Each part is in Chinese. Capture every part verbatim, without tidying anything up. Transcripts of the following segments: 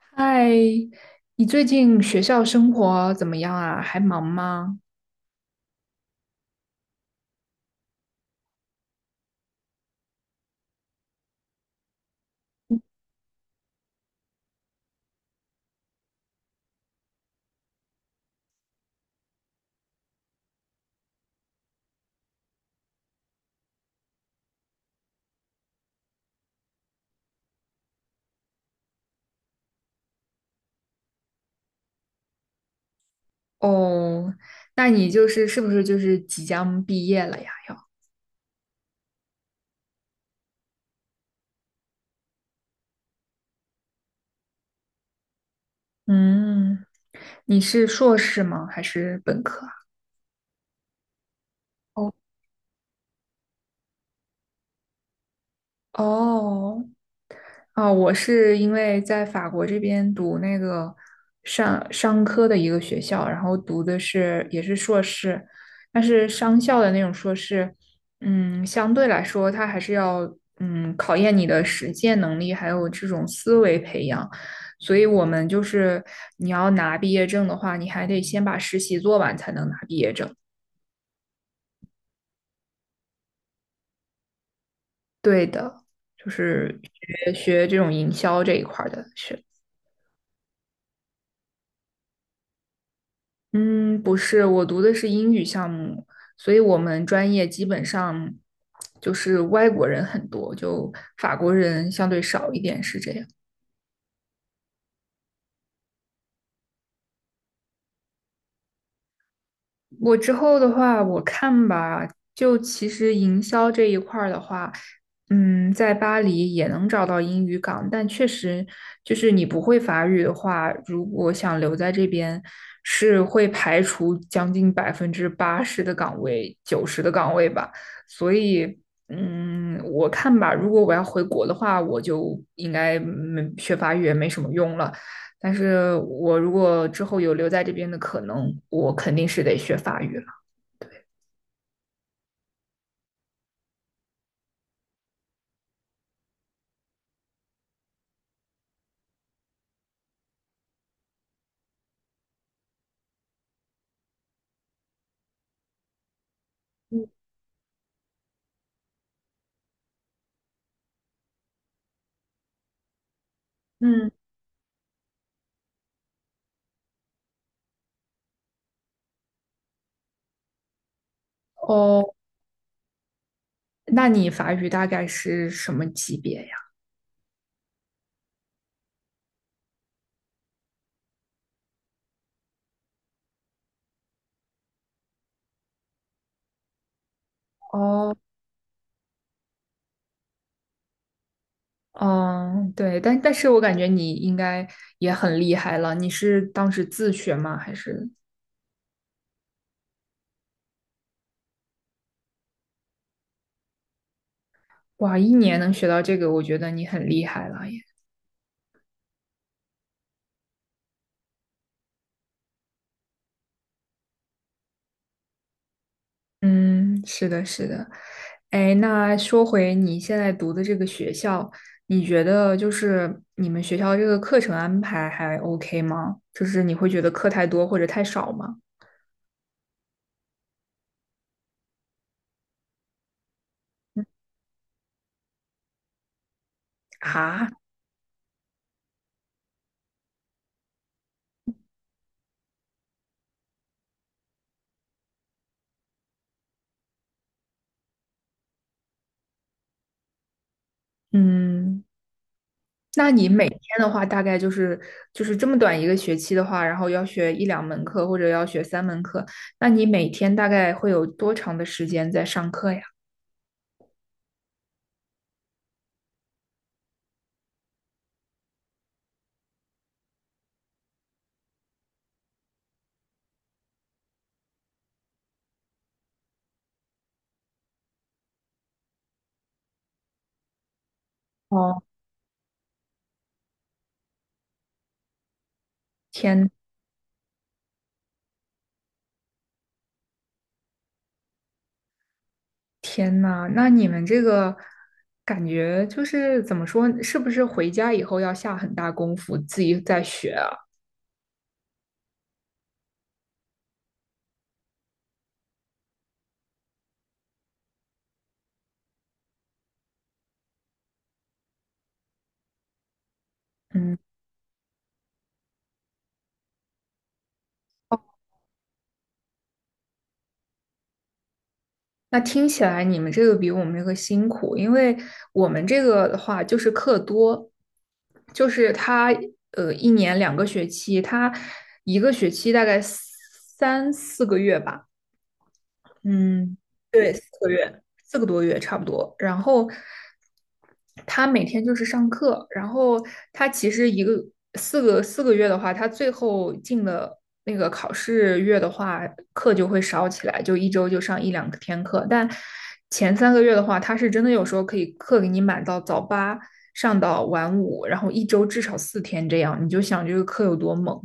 嗨，你最近学校生活怎么样啊？还忙吗？哦，那你就是是不是就是即将毕业了呀？嗯，你是硕士吗？还是本科啊？哦，哦，哦，我是因为在法国这边读那个商商科的一个学校，然后读的是也是硕士，但是商校的那种硕士，嗯，相对来说它还是要嗯考验你的实践能力，还有这种思维培养。所以我们就是你要拿毕业证的话，你还得先把实习做完才能拿毕业证。对的，就是学学这种营销这一块儿的学。嗯，不是，我读的是英语项目，所以我们专业基本上就是外国人很多，就法国人相对少一点，是这样。我之后的话，我看吧，就其实营销这一块儿的话，嗯，在巴黎也能找到英语岗，但确实就是你不会法语的话，如果想留在这边，是会排除将近百分之八十的岗位，九十的岗位吧。所以，嗯，我看吧，如果我要回国的话，我就应该没学法语也没什么用了。但是我如果之后有留在这边的可能，我肯定是得学法语了。嗯，哦，那你法语大概是什么级别呀？哦，嗯，对，但但是我感觉你应该也很厉害了。你是当时自学吗？还是哇，一年能学到这个，我觉得你很厉害了。嗯，是的，是的。哎，那说回你现在读的这个学校，你觉得就是你们学校这个课程安排还 OK 吗？就是你会觉得课太多或者太少吗？啊，嗯，那你每天的话，大概就是就是这么短一个学期的话，然后要学一两门课或者要学三门课，那你每天大概会有多长的时间在上课呀？哦，天。天呐，那你们这个感觉就是怎么说？是不是回家以后要下很大功夫自己再学啊？那听起来你们这个比我们这个辛苦，因为我们这个的话就是课多，就是他呃一年两个学期，他一个学期大概三四个月吧。嗯，对，四个月，四个多月差不多。然后他每天就是上课，然后他其实一个四个四个月的话，他最后进了那个考试月的话，课就会少起来，就一周就上一两天课。但前三个月的话，他是真的有时候可以课给你满到早八上到晚五，然后一周至少四天这样，你就想这个课有多猛。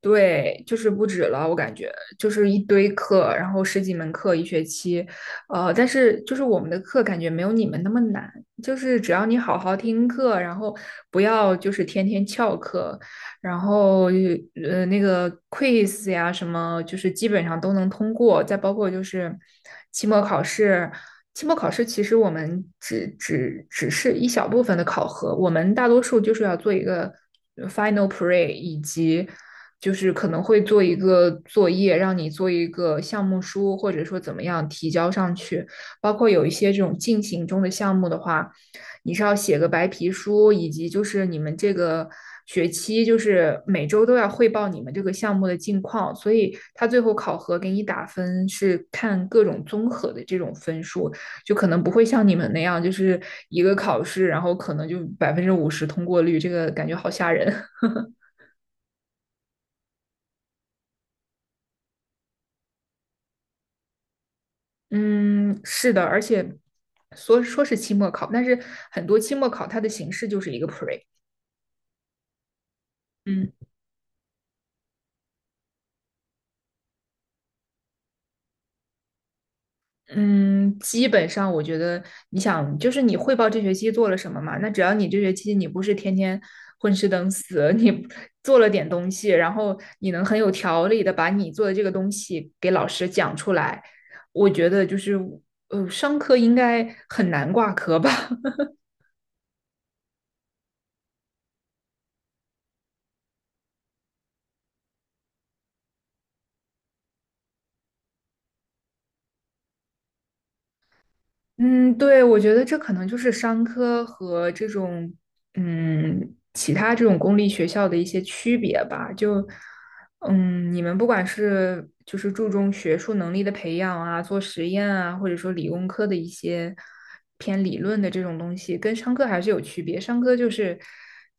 对，就是不止了，我感觉就是一堆课，然后十几门课一学期，呃，但是就是我们的课感觉没有你们那么难，就是只要你好好听课，然后不要就是天天翘课，然后呃那个 quiz 呀什么，就是基本上都能通过，再包括就是期末考试，期末考试其实我们只只只是一小部分的考核，我们大多数就是要做一个 final pre 以及。就是可能会做一个作业，让你做一个项目书，或者说怎么样提交上去。包括有一些这种进行中的项目的话，你是要写个白皮书，以及就是你们这个学期就是每周都要汇报你们这个项目的近况，所以他最后考核给你打分是看各种综合的这种分数，就可能不会像你们那样，就是一个考试，然后可能就百分之五十通过率，这个感觉好吓人。嗯，是的，而且说说是期末考，但是很多期末考它的形式就是一个 pre。嗯嗯，基本上我觉得，你想，就是你汇报这学期做了什么嘛？那只要你这学期你不是天天混吃等死，你做了点东西，然后你能很有条理的把你做的这个东西给老师讲出来，我觉得就是呃，商科应该很难挂科吧。嗯，对，我觉得这可能就是商科和这种嗯其他这种公立学校的一些区别吧。就嗯，你们不管是就是注重学术能力的培养啊，做实验啊，或者说理工科的一些偏理论的这种东西，跟商科还是有区别。商科就是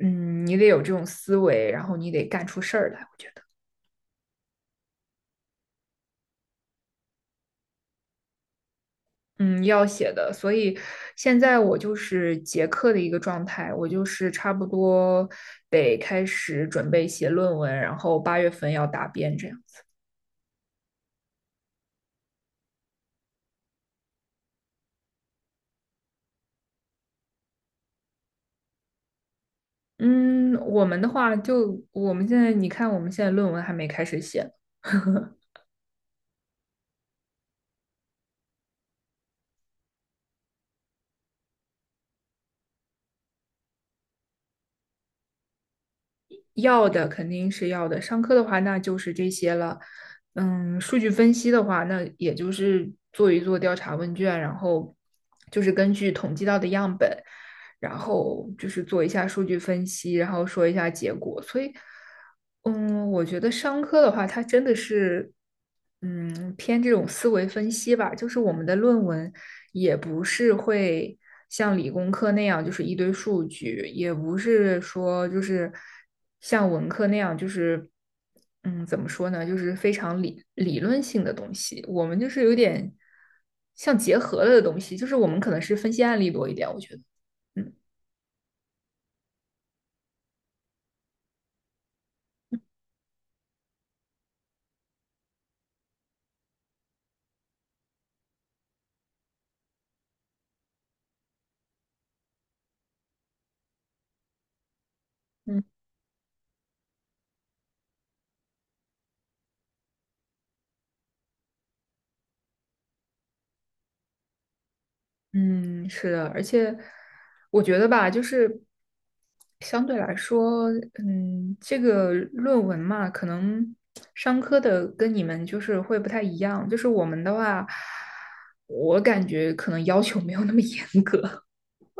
嗯，你得有这种思维，然后你得干出事儿来，我觉得。嗯，要写的，所以现在我就是结课的一个状态，我就是差不多得开始准备写论文，然后八月份要答辩这样。嗯，我们的话就我们现在，你看我们现在论文还没开始写，要的肯定是要的，上课的话那就是这些了。嗯，数据分析的话，那也就是做一做调查问卷，然后就是根据统计到的样本。然后就是做一下数据分析，然后说一下结果。所以，嗯，我觉得商科的话，它真的是，嗯，偏这种思维分析吧。就是我们的论文也不是会像理工科那样，就是一堆数据，也不是说就是像文科那样，就是。嗯，怎么说呢？就是非常理理论性的东西，我们就是有点像结合了的东西，就是我们可能是分析案例多一点，我觉得。嗯。嗯，是的，而且我觉得吧，就是相对来说，嗯，这个论文嘛，可能商科的跟你们就是会不太一样，就是我们的话，我感觉可能要求没有那么严格。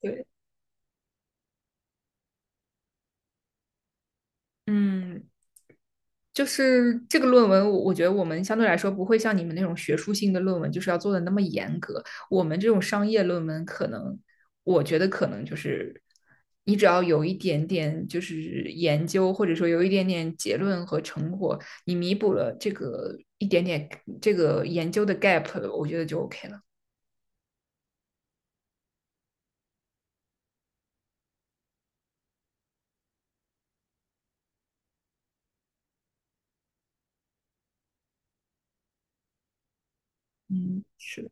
对，嗯，就是这个论文，我我觉得我们相对来说不会像你们那种学术性的论文，就是要做的那么严格。我们这种商业论文，可能我觉得可能就是你只要有一点点就是研究，或者说有一点点结论和成果，你弥补了这个一点点这个研究的 gap，我觉得就 OK 了。嗯，是的。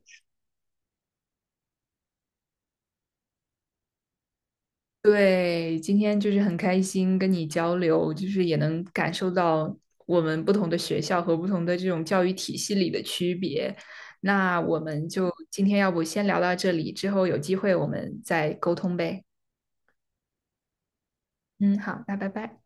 对，今天就是很开心跟你交流，就是也能感受到我们不同的学校和不同的这种教育体系里的区别。那我们就今天要不先聊到这里，之后有机会我们再沟通呗。嗯，好，那拜拜。